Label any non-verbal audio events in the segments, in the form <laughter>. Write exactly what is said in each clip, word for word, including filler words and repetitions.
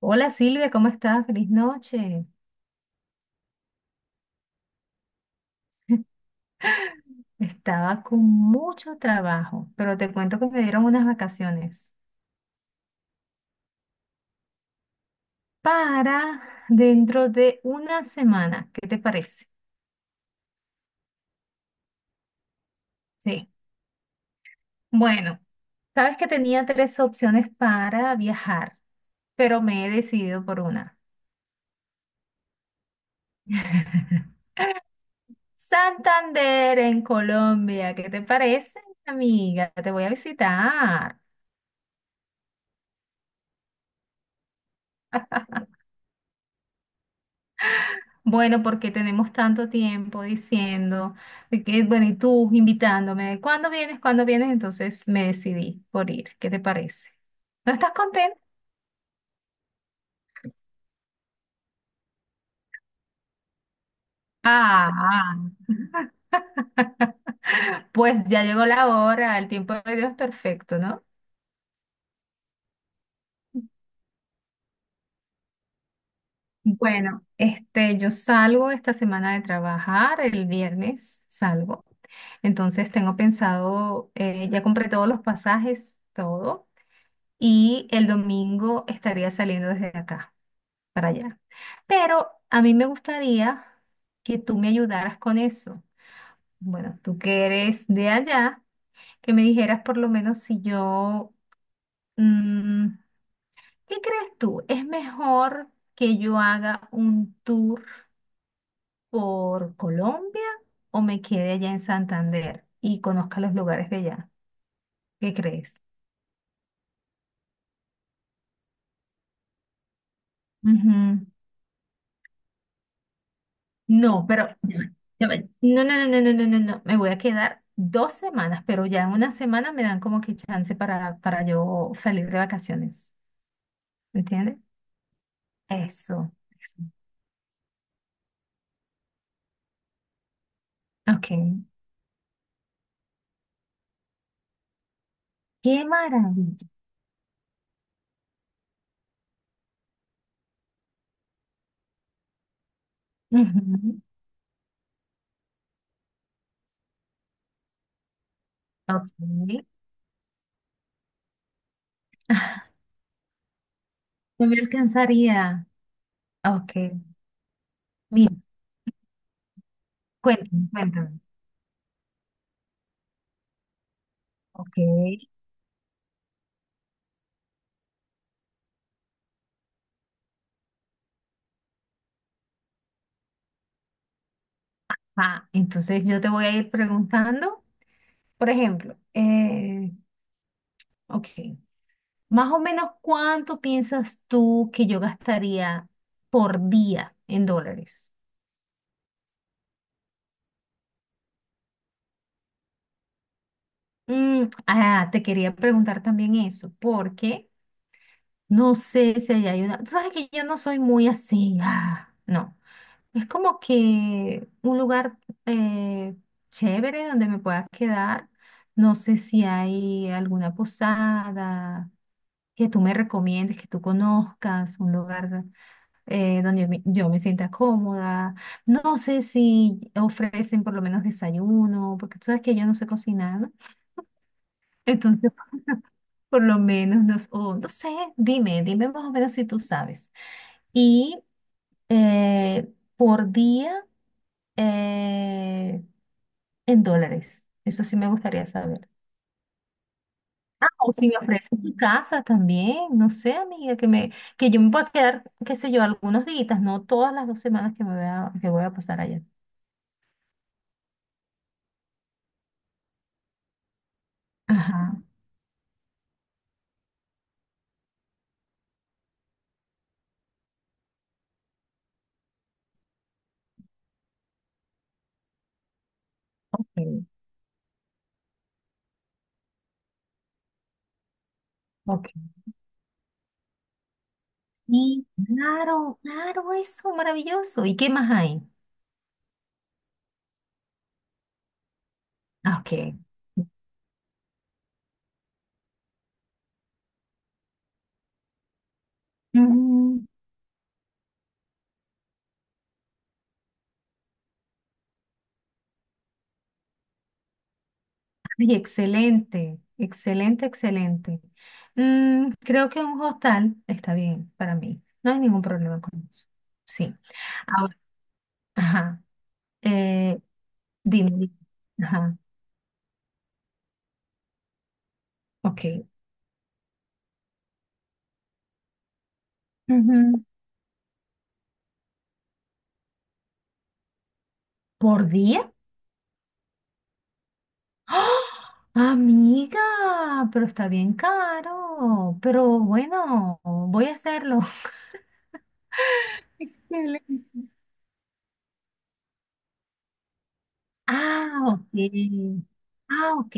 Hola Silvia, ¿cómo estás? Feliz noche. Estaba con mucho trabajo, pero te cuento que me dieron unas vacaciones para dentro de una semana. ¿Qué te parece? Sí. Bueno, sabes que tenía tres opciones para viajar, pero me he decidido por una. <laughs> Santander en Colombia, ¿qué te parece, amiga? Te voy a visitar. Bueno, porque tenemos tanto tiempo diciendo de que, bueno, y tú invitándome, ¿cuándo vienes? ¿Cuándo vienes? Entonces me decidí por ir. ¿Qué te parece? ¿No estás contenta? Ah, ah. <laughs> Pues ya llegó la hora, el tiempo de Dios es perfecto, ¿no? Bueno, este, yo salgo esta semana de trabajar, el viernes salgo. Entonces tengo pensado, eh, ya compré todos los pasajes, todo, y el domingo estaría saliendo desde acá para allá. Pero a mí me gustaría que tú me ayudaras con eso. Bueno, tú que eres de allá, que me dijeras por lo menos si yo, mm, ¿qué crees tú? ¿Es mejor que yo haga un tour por Colombia o me quede allá en Santander y conozca los lugares de allá? ¿Qué crees? No, pero no, me- no, no, no, no, no, no, no, me voy a quedar dos semanas, pero ya en una semana me dan como que chance para, para yo salir de vacaciones, ¿entiendes? Eso. Ok. Qué maravilla. Ujú. Ok. <laughs> No me alcanzaría. Ok. Mira, cuéntame, cuéntame. Ok. Ah, entonces yo te voy a ir preguntando, por ejemplo, eh, ok. Más o menos, ¿cuánto piensas tú que yo gastaría por día en dólares? Mm, ah, te quería preguntar también eso, porque no sé si hay ayuda. Tú sabes que yo no soy muy así, ah, no. Es como que un lugar eh, chévere donde me pueda quedar. No sé si hay alguna posada que tú me recomiendes, que tú conozcas, un lugar eh, donde me- yo me sienta cómoda. No sé si ofrecen por lo menos desayuno, porque tú sabes que yo no sé cocinar, ¿no? Entonces, <laughs> por lo menos, no, s- o no sé, dime, dime más o menos si tú sabes. Y eh, por día, eh, en dólares. Eso sí me gustaría saber. Ah, o si me ofreces tu casa también, no sé, amiga, que me, que yo me pueda quedar, qué sé yo, algunos días, no todas las dos semanas que me voy a, que voy a pasar allá. Ajá. Ok. Ok. Sí, claro, claro, eso, maravilloso. ¿Y qué más hay? Ah, ok. Mm, Ay, excelente, excelente, excelente. Mm, creo que un hostal está bien para mí. No hay ningún problema con eso. Sí. Ahora, ajá. eh, Dime, dime. Ajá. Ok. Ujú. ¿Por día? ¡Ah! Amiga, pero está bien caro. Pero bueno, voy a hacerlo. <laughs> Excelente. Ah, ok. Ah, ok.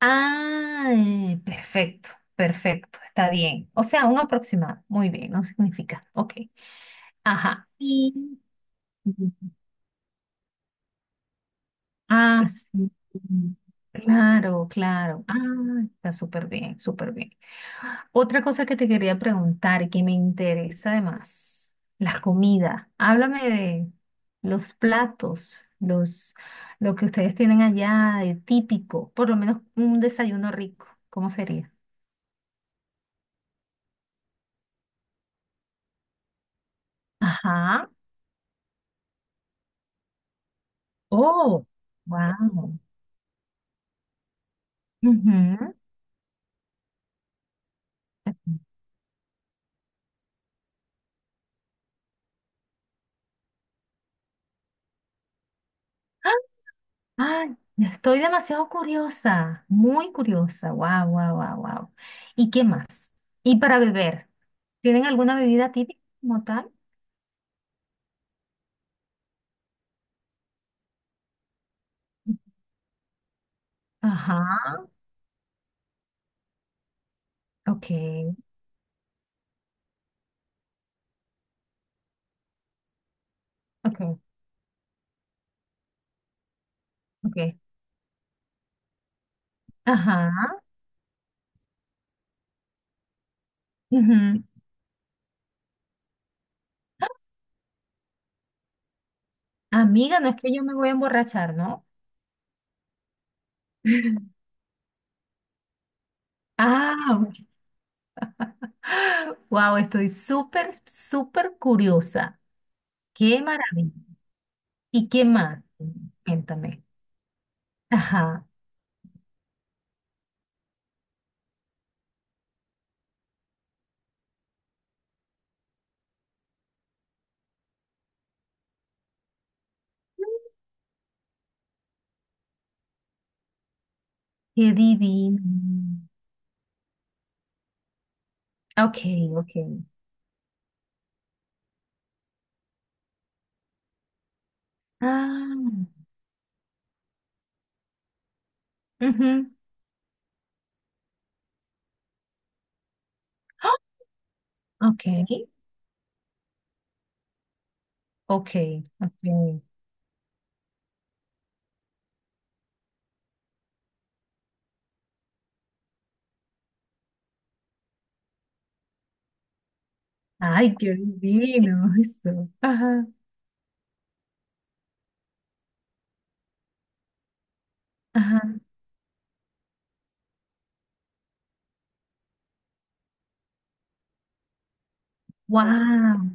Ah, eh, perfecto, perfecto, está bien. O sea, un aproximado. Muy bien, no significa. Ok. Ajá. Y ah, sí. Claro, claro. Ah, está súper bien, súper bien. Otra cosa que te quería preguntar y que me interesa además, la comida. Háblame de los platos, los, lo que ustedes tienen allá de típico, por lo menos un desayuno rico. ¿Cómo sería? Ajá. Oh, wow. Ay, estoy demasiado curiosa, muy curiosa. Wow, wow, wow, wow. ¿Y qué más? ¿Y para beber? ¿Tienen alguna bebida típica como tal? Ajá, ok, ok, ok. Ajá, ujú. Amiga, no es que yo me voy a emborrachar, ¿no? <laughs> Ah, wow, estoy súper, súper curiosa. Qué maravilla. ¿Y qué más? Cuéntame. Ajá, qué divino. Ok, ok. Ah, ujú. ¡Ah! Ok, ok, ok. Ay, qué divino eso. Ajá, ajá. Wow.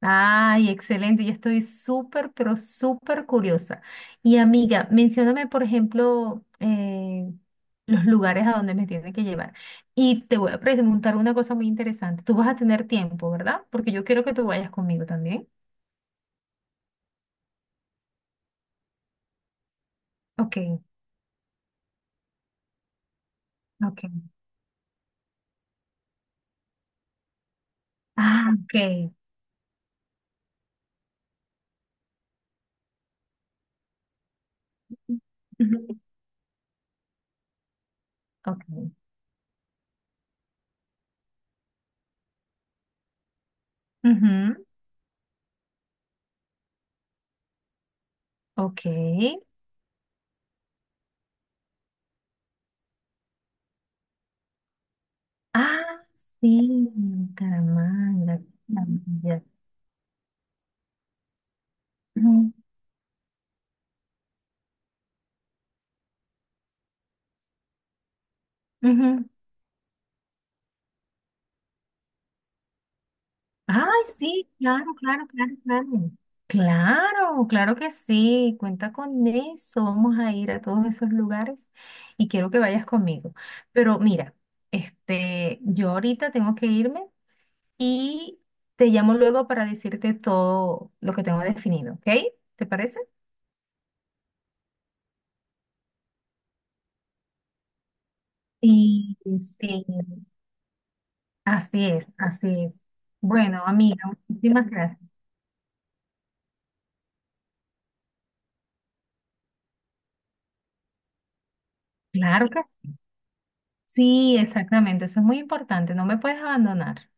Ay, excelente. Ya estoy súper, pero súper curiosa. Y amiga, mencióname, por ejemplo, eh, los lugares a donde me tienen que llevar. Y te voy a preguntar una cosa muy interesante. Tú vas a tener tiempo, ¿verdad? Porque yo quiero que tú vayas conmigo también. Ok, ok. Ah, ok. Ujú. Ok. Ujú, ok. Ah, sí, Bucaramanga, Bucaramanga. Ujú, ujú. Ay, sí, claro, claro, claro, claro. Claro, claro que sí, cuenta con eso. Vamos a ir a todos esos lugares y quiero que vayas conmigo. Pero mira, este, yo ahorita tengo que irme y te llamo luego para decirte todo lo que tengo definido, ¿ok? ¿Te parece? Sí, sí, así es, así es. Bueno, amiga, muchísimas gracias. Claro que sí. Sí, exactamente, eso es muy importante, no me puedes abandonar.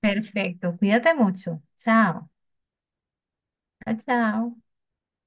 Perfecto, cuídate mucho. Chao. Chao, chao.